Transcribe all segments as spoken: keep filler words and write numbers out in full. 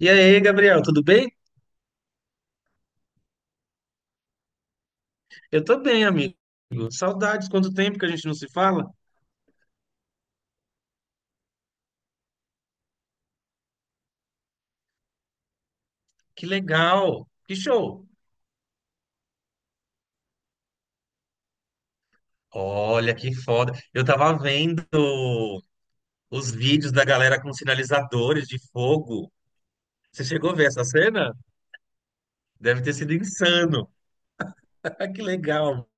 E aí, Gabriel, tudo bem? Eu tô bem, amigo. Saudades, quanto tempo que a gente não se fala? Que legal, que show. Olha que foda. Eu tava vendo os vídeos da galera com sinalizadores de fogo. Você chegou a ver essa cena? Deve ter sido insano. Que legal.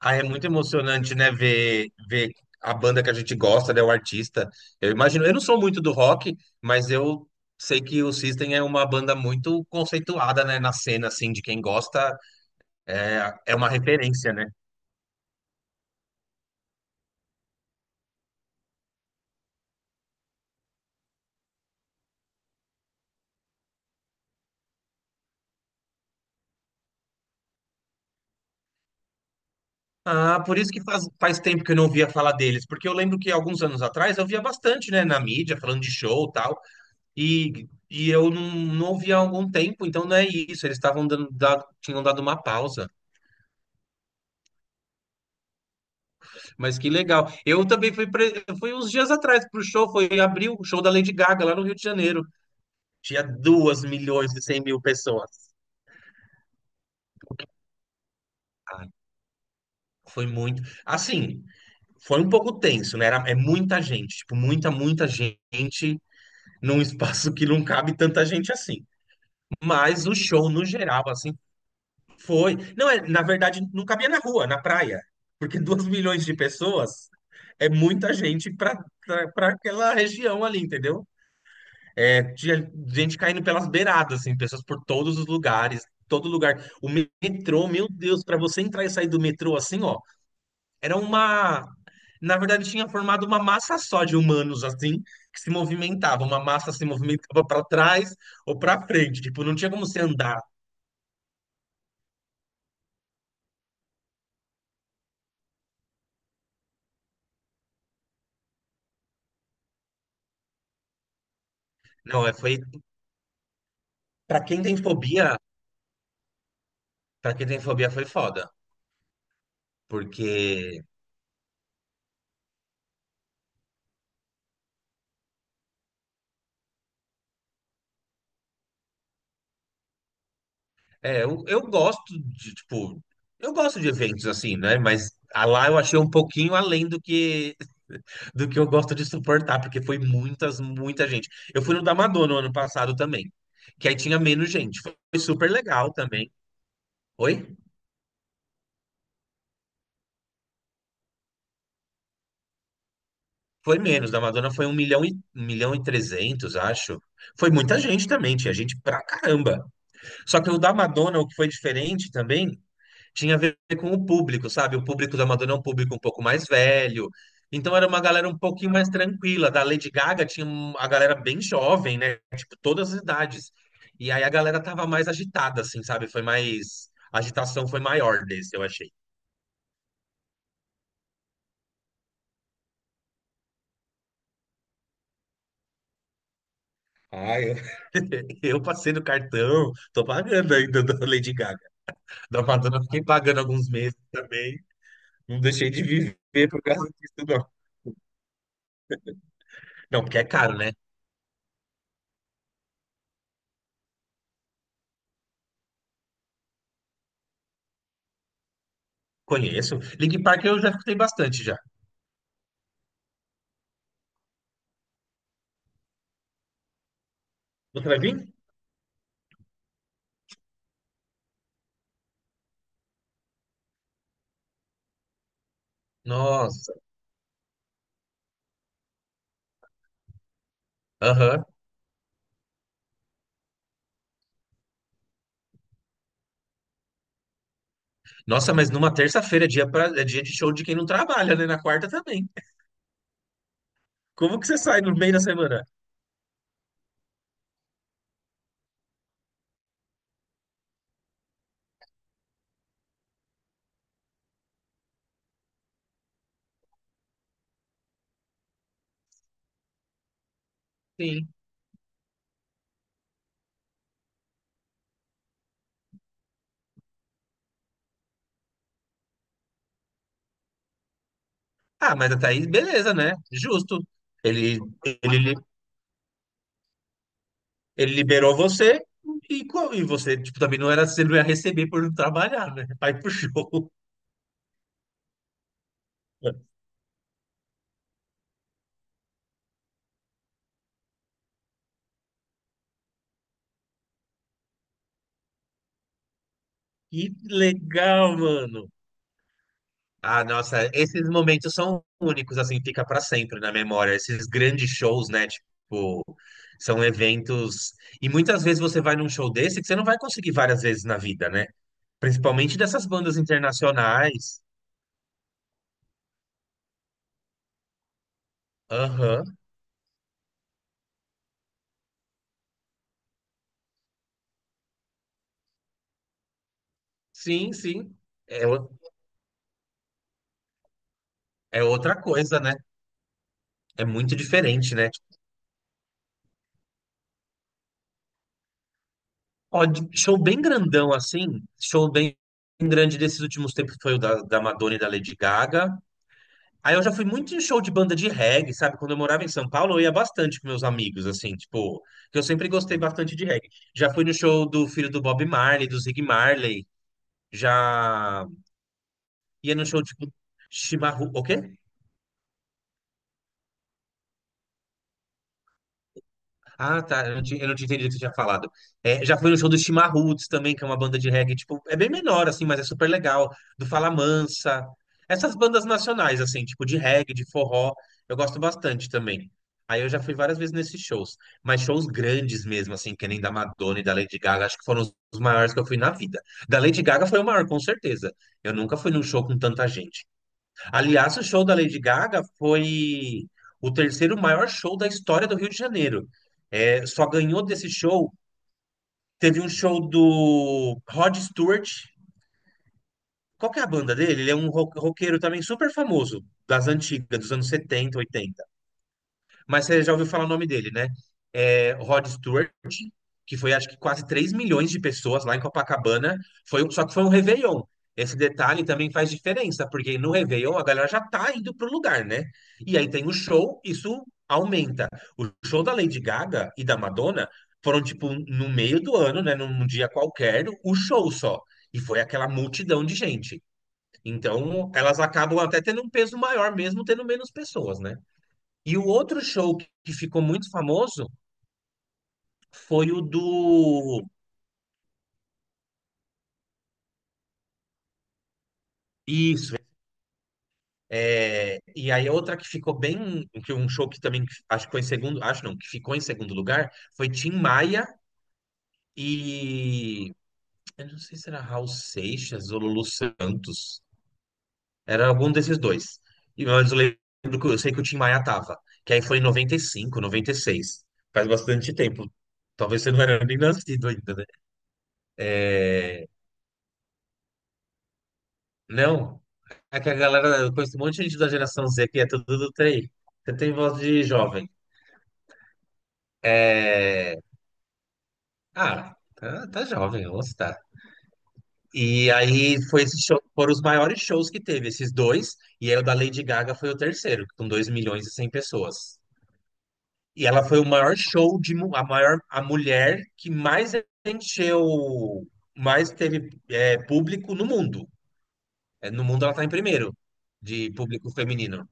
Ah, é muito emocionante, né, ver, ver a banda que a gente gosta, né, o artista. Eu imagino, eu não sou muito do rock, mas eu sei que o System é uma banda muito conceituada, né, na cena, assim, de quem gosta, é, é uma referência, né? Ah, por isso que faz, faz tempo que eu não ouvia falar deles, porque eu lembro que alguns anos atrás eu via bastante, né, na mídia, falando de show e tal, e, e eu não, não ouvia há algum tempo, então não é isso, eles estavam dando, da- tinham dado uma pausa. Mas que legal. Eu também fui, pre- fui uns dias atrás pro show, foi em abril o show da Lady Gaga lá no Rio de Janeiro. Tinha duas milhões e cem mil pessoas. Ai, foi muito. Assim, foi um pouco tenso, né? Era, é muita gente, tipo, muita, muita gente num espaço que não cabe tanta gente assim. Mas o show, no geral, assim, foi. Não, é, na verdade, não cabia na rua, na praia. Porque duas milhões de pessoas é muita gente para para aquela região ali, entendeu? É, tinha gente caindo pelas beiradas, assim, pessoas por todos os lugares, todo lugar. O metrô, meu Deus, para você entrar e sair do metrô assim, ó, era uma. Na verdade, tinha formado uma massa só de humanos, assim, que se movimentava. Uma massa se movimentava para trás ou para frente. Tipo, não tinha como você andar. Não, é, foi. Para quem tem fobia, para quem tem fobia foi foda. Porque é, eu, eu gosto de, tipo, eu gosto de eventos assim, né? Mas a lá eu achei um pouquinho além do que do que eu gosto de suportar, porque foi muitas, muita gente. Eu fui no da Madonna no ano passado também, que aí tinha menos gente. Foi super legal também. Oi? Foi menos. Da Madonna foi um milhão e, um milhão e trezentos, acho. Foi muita gente também, tinha gente pra caramba. Só que o da Madonna, o que foi diferente também, tinha a ver com o público, sabe? O público da Madonna é um público um pouco mais velho. Então era uma galera um pouquinho mais tranquila. Da Lady Gaga tinha um- a galera bem jovem, né? Tipo, todas as idades. E aí a galera tava mais agitada, assim, sabe? Foi mais. A agitação foi maior desse, eu achei. Ah, eu... Eu passei no cartão, tô pagando ainda da Lady Gaga. Da Madonna, eu fiquei pagando alguns meses também. Não deixei de viver por causa disso, não. Não, porque é caro, né? Conheço. Linkin Park eu já escutei bastante já. Você vai vir? Nossa, aham. Nossa, mas numa terça-feira é dia, pra, é dia de show de quem não trabalha, né? Na quarta também. Como que você sai no meio da semana? Sim. Ah, mas a Thaís, beleza, né? Justo. Ele, ele, ele liberou você e, co- e você, tipo, também não era, você não ia receber por não trabalhar, né? Vai pro show. Que legal, mano. Ah, nossa, esses momentos são únicos, assim, fica para sempre na memória. Esses grandes shows, né? Tipo, são eventos. E muitas vezes você vai num show desse que você não vai conseguir várias vezes na vida, né? Principalmente dessas bandas internacionais. Aham. Sim, sim. É, o- é outra coisa, né? É muito diferente, né? Ó, de- show bem grandão, assim. Show bem grande desses últimos tempos foi o da, da Madonna e da Lady Gaga. Aí eu já fui muito em show de banda de reggae, sabe? Quando eu morava em São Paulo, eu ia bastante com meus amigos, assim, tipo, que eu sempre gostei bastante de reggae. Já fui no show do filho do Bob Marley, do Zig Marley, já ia no show, tipo, Chimarrão. O quê? Ah, tá. Eu não tinha, eu não tinha entendido o que você tinha falado. É, já fui no show do Chimarruts também, que é uma banda de reggae, tipo, é bem menor, assim, mas é super legal. Do Fala Mansa. Essas bandas nacionais, assim, tipo, de reggae, de forró, eu gosto bastante também. Aí eu já fui várias vezes nesses shows. Mas shows grandes mesmo, assim, que nem da Madonna e da Lady Gaga, acho que foram os os maiores que eu fui na vida. Da Lady Gaga foi o maior, com certeza. Eu nunca fui num show com tanta gente. Aliás, o show da Lady Gaga foi o terceiro maior show da história do Rio de Janeiro. É, só ganhou desse show. Teve um show do Rod Stewart. Qual que é a banda dele? Ele é um ro- roqueiro também super famoso, das antigas, dos anos setenta, oitenta. Mas você já ouviu falar o nome dele, né? É, Rod Stewart, que foi acho que quase três milhões de pessoas lá em Copacabana, foi, um- só que foi um Réveillon. Esse detalhe também faz diferença, porque no Réveillon a galera já tá indo pro lugar, né? E aí tem o show, isso aumenta. O show da Lady Gaga e da Madonna foram, tipo, no meio do ano, né? Num dia qualquer, o show só. E foi aquela multidão de gente. Então, elas acabam até tendo um peso maior, mesmo tendo menos pessoas, né? E o outro show que que ficou muito famoso foi o do. Isso. É, e aí outra que ficou bem. Que um show que também acho que foi em segundo. Acho não, que ficou em segundo lugar foi Tim Maia e. Eu não sei se era Raul Seixas ou Lulu Santos. Era algum desses dois. E mas eu lembro que eu sei que o Tim Maia tava. Que aí foi em noventa e cinco, noventa e seis. Faz bastante tempo. Talvez você não era nem nascido ainda, né? Não. É que a galera, eu conheço um monte de gente da geração Z que é tudo do T I. Você tem voz de jovem. É... Ah, tá, tá jovem, vamos citar. E aí foi esse show, foram os maiores shows que teve, esses dois. E aí o da Lady Gaga foi o terceiro, com dois milhões e cem pessoas. E ela foi o maior show de mu- a maior a mulher que mais encheu, mais teve é, público no mundo. É, no mundo ela tá em primeiro de público feminino.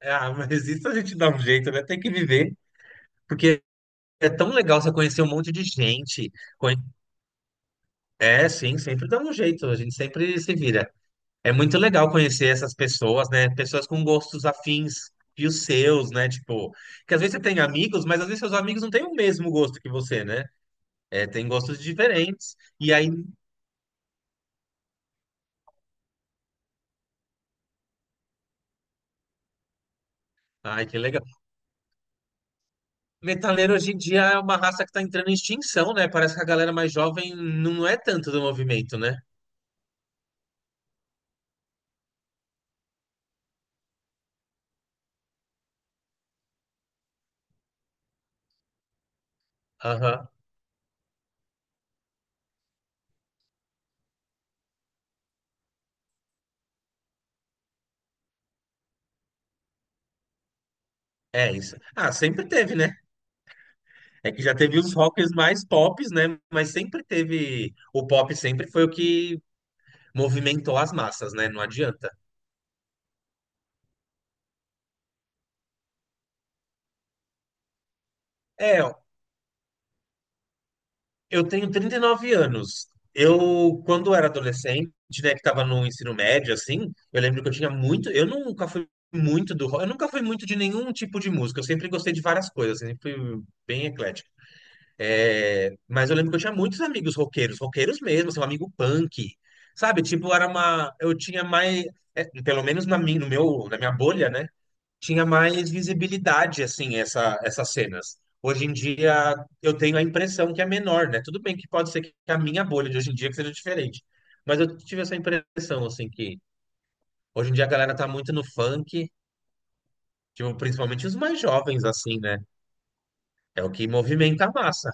É, ah, mas isso a gente dá um jeito, né? Tem que viver. Porque é tão legal você conhecer um monte de gente. Conhe- É, sim, sempre dá um jeito, a gente sempre se vira. É muito legal conhecer essas pessoas, né? Pessoas com gostos afins e os seus, né? Tipo, que às vezes você tem amigos, mas às vezes seus amigos não têm o mesmo gosto que você, né? É, tem gostos diferentes. E aí, ai, que legal. Metaleiro hoje em dia é uma raça que tá entrando em extinção, né? Parece que a galera mais jovem não é tanto do movimento, né? Aham. É isso. Ah, sempre teve, né? É que já teve os rockers mais tops, né? Mas sempre teve. O pop sempre foi o que movimentou as massas, né? Não adianta. É, eu tenho trinta e nove anos. Eu, quando era adolescente, né, que tava no ensino médio, assim, eu lembro que eu tinha muito. Eu nunca fui muito do rock, eu nunca fui muito de nenhum tipo de música. Eu sempre gostei de várias coisas, sempre fui bem eclético. É, mas eu lembro que eu tinha muitos amigos roqueiros, roqueiros mesmo, seu amigo punk, sabe? Tipo, era uma. Eu tinha mais. É, pelo menos na minha, no meu, na minha bolha, né? Tinha mais visibilidade, assim, essa, essas cenas. Hoje em dia, eu tenho a impressão que é menor, né? Tudo bem que pode ser que a minha bolha de hoje em dia que seja diferente. Mas eu tive essa impressão, assim, que hoje em dia a galera tá muito no funk, tipo, principalmente os mais jovens, assim, né? É o que movimenta a massa.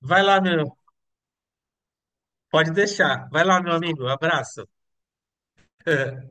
Vai lá, meu. Pode deixar. Vai lá, meu amigo. Abraço.